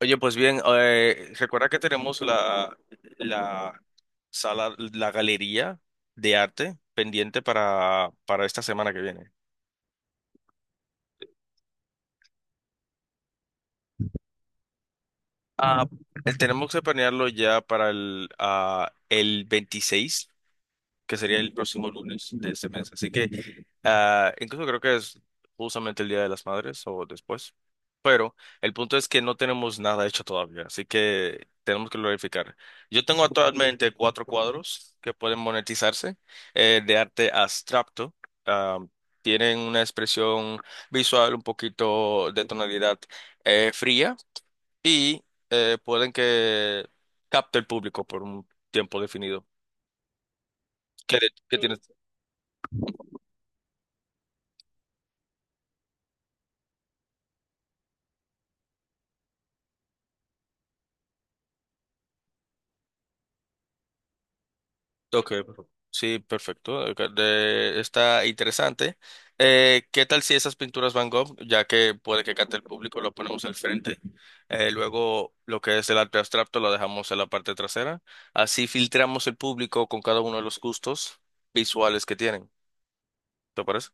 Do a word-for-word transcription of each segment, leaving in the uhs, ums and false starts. Oye, pues bien, eh, recuerda que tenemos la, la sala, la galería de arte pendiente para, para esta semana que viene. Ah, eh, tenemos que planearlo ya para el, ah, el veintiséis, que sería el próximo lunes de este mes. Así que ah, incluso creo que es justamente el Día de las Madres o después. Pero el punto es que no tenemos nada hecho todavía, así que tenemos que verificar. Yo tengo actualmente cuatro cuadros que pueden monetizarse, eh, de arte abstracto. Ah, tienen una expresión visual un poquito de tonalidad eh, fría y eh, pueden que capte el público por un tiempo definido. ¿Qué, de- qué tienes? Ok, per- sí, perfecto. Ok, de- está interesante. Eh, ¿qué tal si esas pinturas Van Gogh, ya que puede que cante el público, lo ponemos al frente? Eh, luego lo que es el arte abstracto lo dejamos en la parte trasera. Así filtramos el público con cada uno de los gustos visuales que tienen. ¿Te parece?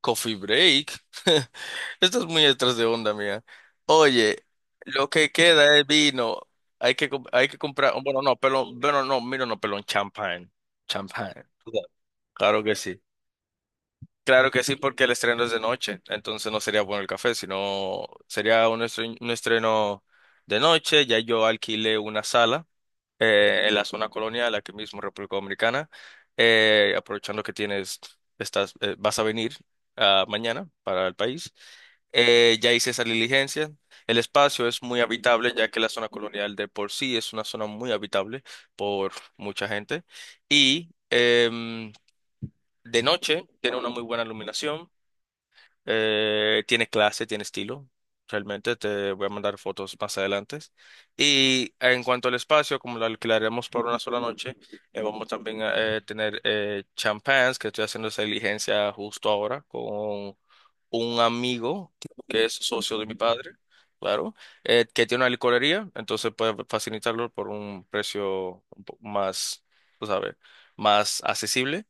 Coffee break. Esto es muy detrás de onda, mía. Oye, lo que queda es vino. Hay que, com- hay que comprar. Bueno, no, pelón. Bueno, no, mira, no, pelón. Champagne. Champagne. Claro que sí. Claro que sí, porque el estreno es de noche. Entonces no sería bueno el café, sino sería un estreno, un estreno de noche. Ya yo alquilé una sala, eh, en la zona colonial, aquí mismo en República Dominicana, eh, aprovechando que tienes, estás, eh, vas a venir ah, mañana para el país. Eh, ya hice esa diligencia. El espacio es muy habitable, ya que la zona colonial de por sí es una zona muy habitable por mucha gente. Y em, de noche tiene una muy buena iluminación. Eh, tiene clase, tiene estilo. Realmente te voy a mandar fotos más adelante. Y en cuanto al espacio, como lo alquilaremos por una sola noche, eh, vamos también a eh, tener, eh, champans, que estoy haciendo esa diligencia justo ahora con un amigo que es socio de mi padre, claro, eh, que tiene una licorería, entonces puede facilitarlo por un precio un poco más, tú sabes, más accesible.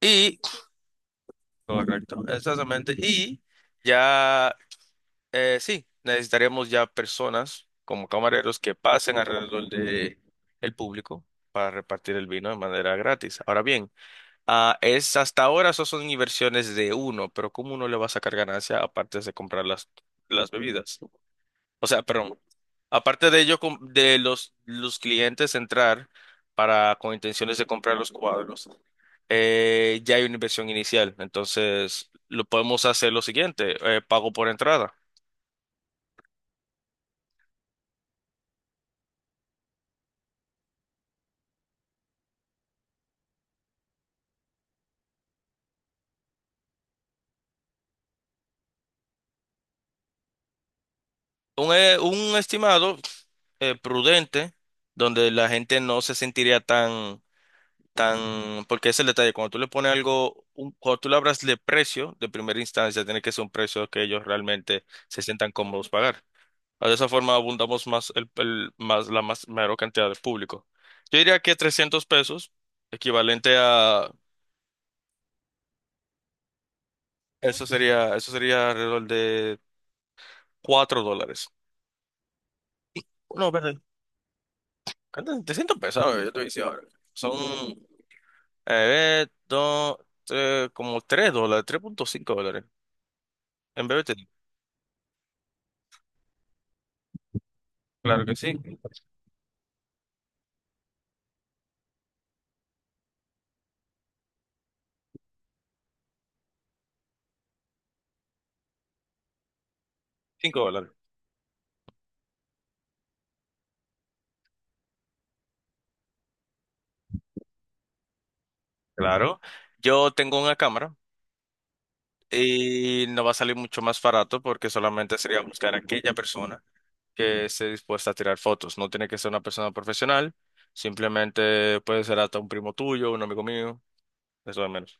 Y, correcto, exactamente. Y. Ya, eh, sí, necesitaríamos ya personas como camareros que pasen alrededor de el público para repartir el vino de manera gratis. Ahora bien, ah, es hasta ahora eso son inversiones de uno, pero ¿cómo uno le va a sacar ganancia aparte de comprar las, las bebidas? O sea, perdón, aparte de ello, com- de los, los clientes entrar para con intenciones de comprar los cuadros, eh, ya hay una inversión inicial. Entonces, lo podemos hacer lo siguiente, eh, pago por entrada. Un, eh, un estimado, eh, prudente, donde la gente no se sentiría tan, tan, porque es el detalle, cuando tú le pones algo, un- cuando tú le hablas de precio, de primera instancia, tiene que ser un precio que ellos realmente se sientan cómodos pagar. De esa forma abundamos más, el, el- más la más, mayor cantidad de público. Yo diría que trescientos pesos, equivalente a, eso sería, eso sería alrededor de cuatro dólares. No, perdón, ¿cuánto? trescientos pesos, ahora yo te voy a decir ahora. Son Eh, dos, tre- como tres dólares, tres punto cinco dólares. En vez de tener- claro que sí, cinco dólares. Claro. Yo tengo una cámara y no va a salir mucho más barato porque solamente sería buscar a aquella persona que esté dispuesta a tirar fotos. No tiene que ser una persona profesional, simplemente puede ser hasta un primo tuyo, un amigo mío, eso de menos.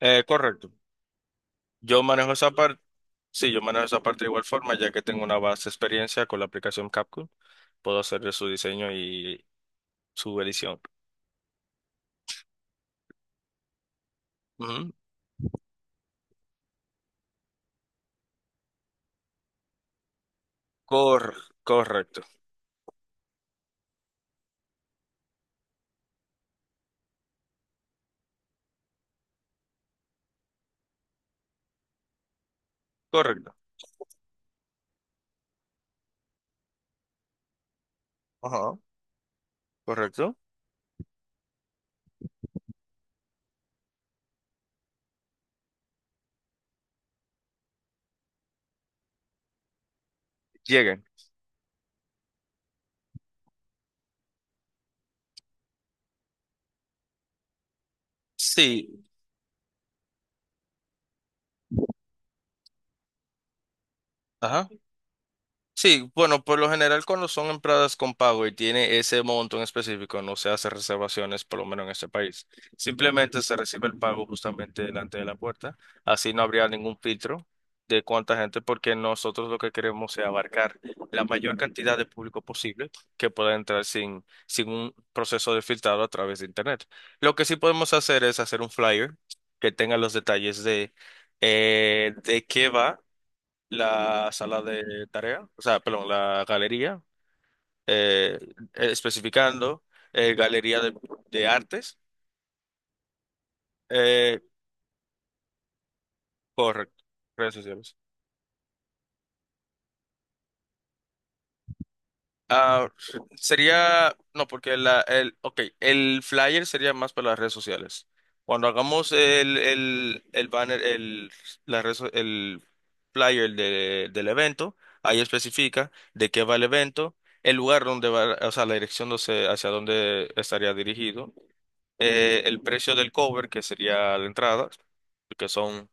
Eh, correcto. Yo manejo esa parte. Sí, yo manejo esa parte de igual forma, ya que tengo una vasta experiencia con la aplicación CapCut. Puedo hacer su diseño y su edición. Ujú. Cor- Correcto, correcto. Ajá. Correcto. Llegan. Sí, ajá. Sí, bueno, por lo general cuando son entradas con pago y tiene ese monto en específico, no se hace reservaciones, por lo menos en este país. Simplemente se recibe el pago justamente delante de la puerta. Así no habría ningún filtro de cuánta gente, porque nosotros lo que queremos es abarcar la mayor cantidad de público posible que pueda entrar sin, sin un proceso de filtrado a través de Internet. Lo que sí podemos hacer es hacer un flyer que tenga los detalles de, eh, de qué va la sala de tarea, o sea, perdón, la galería, eh, especificando, eh, galería de, de artes, eh, correcto, redes sociales. Ah, Sería, no, porque la, el, ok, el flyer sería más para las redes sociales. Cuando hagamos el, el, el banner, el, la red so- el flyer de- del evento, ahí especifica de qué va el evento, el lugar donde va, o sea, la dirección no sé hacia dónde estaría dirigido, eh, el precio del cover, que sería la entrada, que son,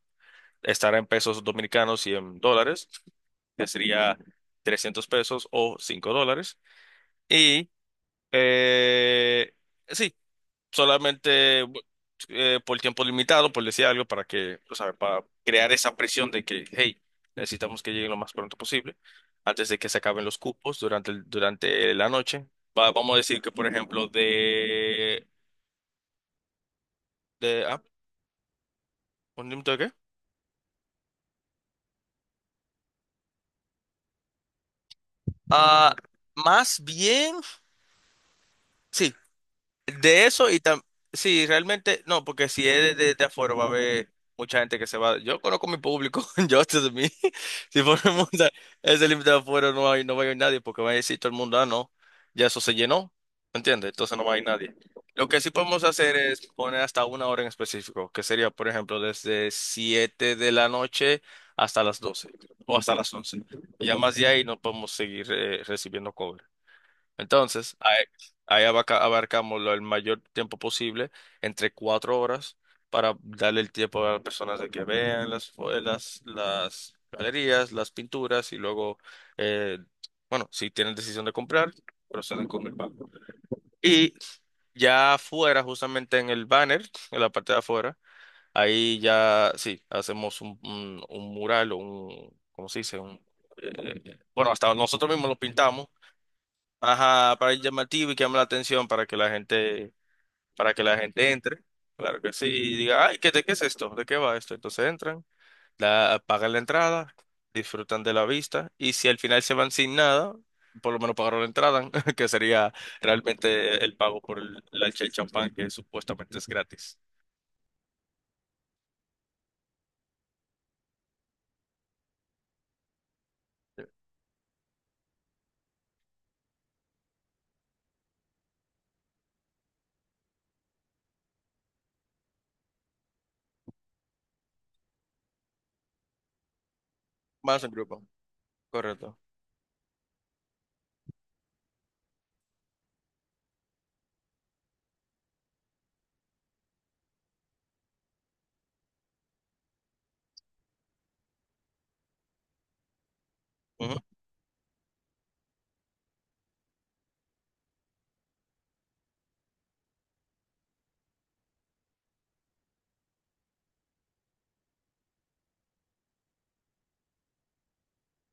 estará en pesos dominicanos y en dólares, que sería trescientos pesos o cinco dólares. Y, eh, sí, solamente bu- eh, por tiempo limitado, por decir algo, para que, o sea, para crear esa presión de que, hey, necesitamos que lleguen lo más pronto posible, antes de que se acaben los cupos durante, el- durante la noche. Va- vamos a decir que, por ejemplo, de... de ah, ¿un límite de qué? Ah, Más bien, sí, de eso y tam- sí, realmente, no, porque si es de, de de afuera va a haber mucha gente que se va. Yo conozco mi público, yo de mí. Si ponemos a- ese límite de afuera, no hay, no va a ir nadie, porque va a decir todo el mundo, ah, no, ya eso se llenó, ¿entiendes? Entonces no va a ir nadie. Lo que sí podemos hacer es poner hasta una hora en específico, que sería, por ejemplo, desde siete de la noche hasta las doce o hasta las once. Y ya más de ahí no podemos seguir, eh, recibiendo cover. Entonces, ahí, ahí abaca- abarcamos lo- el mayor tiempo posible, entre cuatro horas, para darle el tiempo a las personas de que vean las, fo- las, las galerías, las pinturas y luego, eh, bueno, si tienen decisión de comprar, proceden con el pago. Y ya afuera, justamente en el banner, en la parte de afuera, ahí ya, sí, hacemos un, un, un mural o un, ¿cómo se dice? Un, eh, bueno, hasta nosotros mismos lo pintamos. Ajá, para llamativo y que llame la atención para que la gente, para que la gente entre. Claro que sí. Y diga, ay, ¿qué, de qué es esto? ¿De qué va esto? Entonces entran, la, pagan la entrada, disfrutan de la vista, y si al final se van sin nada, por lo menos pagaron la entrada, que sería realmente el pago por el, la- el champán, que supuestamente es gratis. Más en grupo, correcto.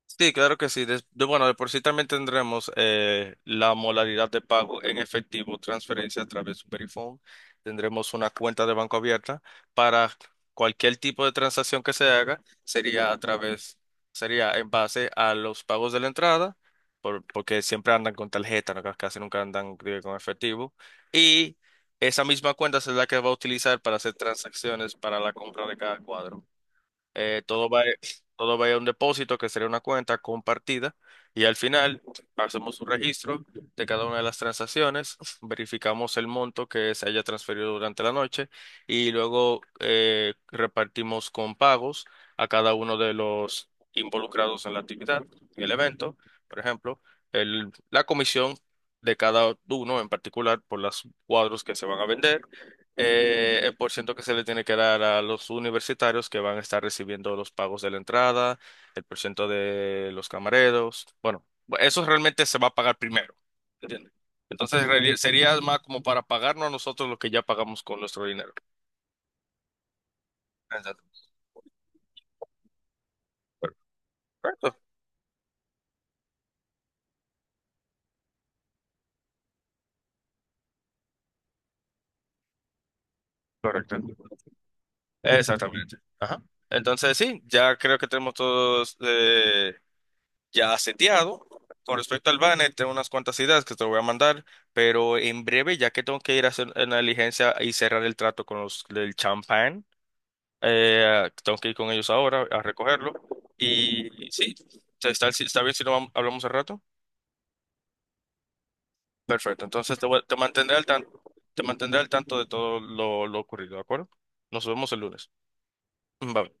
Sí, claro que sí. Des- de- bueno, de por sí también tendremos, eh, la modalidad de pago en efectivo, transferencia a través de Superifone. Tendremos una cuenta de banco abierta para cualquier tipo de transacción que se haga. Sería a través, sería en base a los pagos de la entrada, por- porque siempre andan con tarjeta, ¿no? Casi nunca andan, eh, con efectivo. Y esa misma cuenta es la que va a utilizar para hacer transacciones para la compra de cada cuadro. Eh, todo va, todo va a un depósito que sería una cuenta compartida y al final hacemos un registro de cada una de las transacciones, verificamos el monto que se haya transferido durante la noche y luego, eh, repartimos con pagos a cada uno de los involucrados en la actividad, en el evento, por ejemplo, el- la comisión de cada uno en particular por los cuadros que se van a vender, eh, el porciento que se le tiene que dar a los universitarios que van a estar recibiendo los pagos de la entrada, el porciento de los camareros. Bueno, eso realmente se va a pagar primero, ¿entiendes? Entonces, en sería más como para pagarnos a nosotros lo que ya pagamos con nuestro dinero. Exacto. Correcto. Correcto. Exactamente. Ajá. Entonces sí, ya creo que tenemos todos, eh, ya seteado. Con respecto al banner, tengo unas cuantas ideas que te voy a mandar, pero en breve, ya que tengo que ir a hacer una diligencia y cerrar el trato con los del champán. Eh, tengo que ir con ellos ahora a recogerlo. Y sí, ¿está, está bien si no vam- hablamos al rato? Perfecto, entonces te, voy- te mantendré al tanto, te mantendré al tanto de todo lo, lo ocurrido, ¿de acuerdo? Nos vemos el lunes. Bye.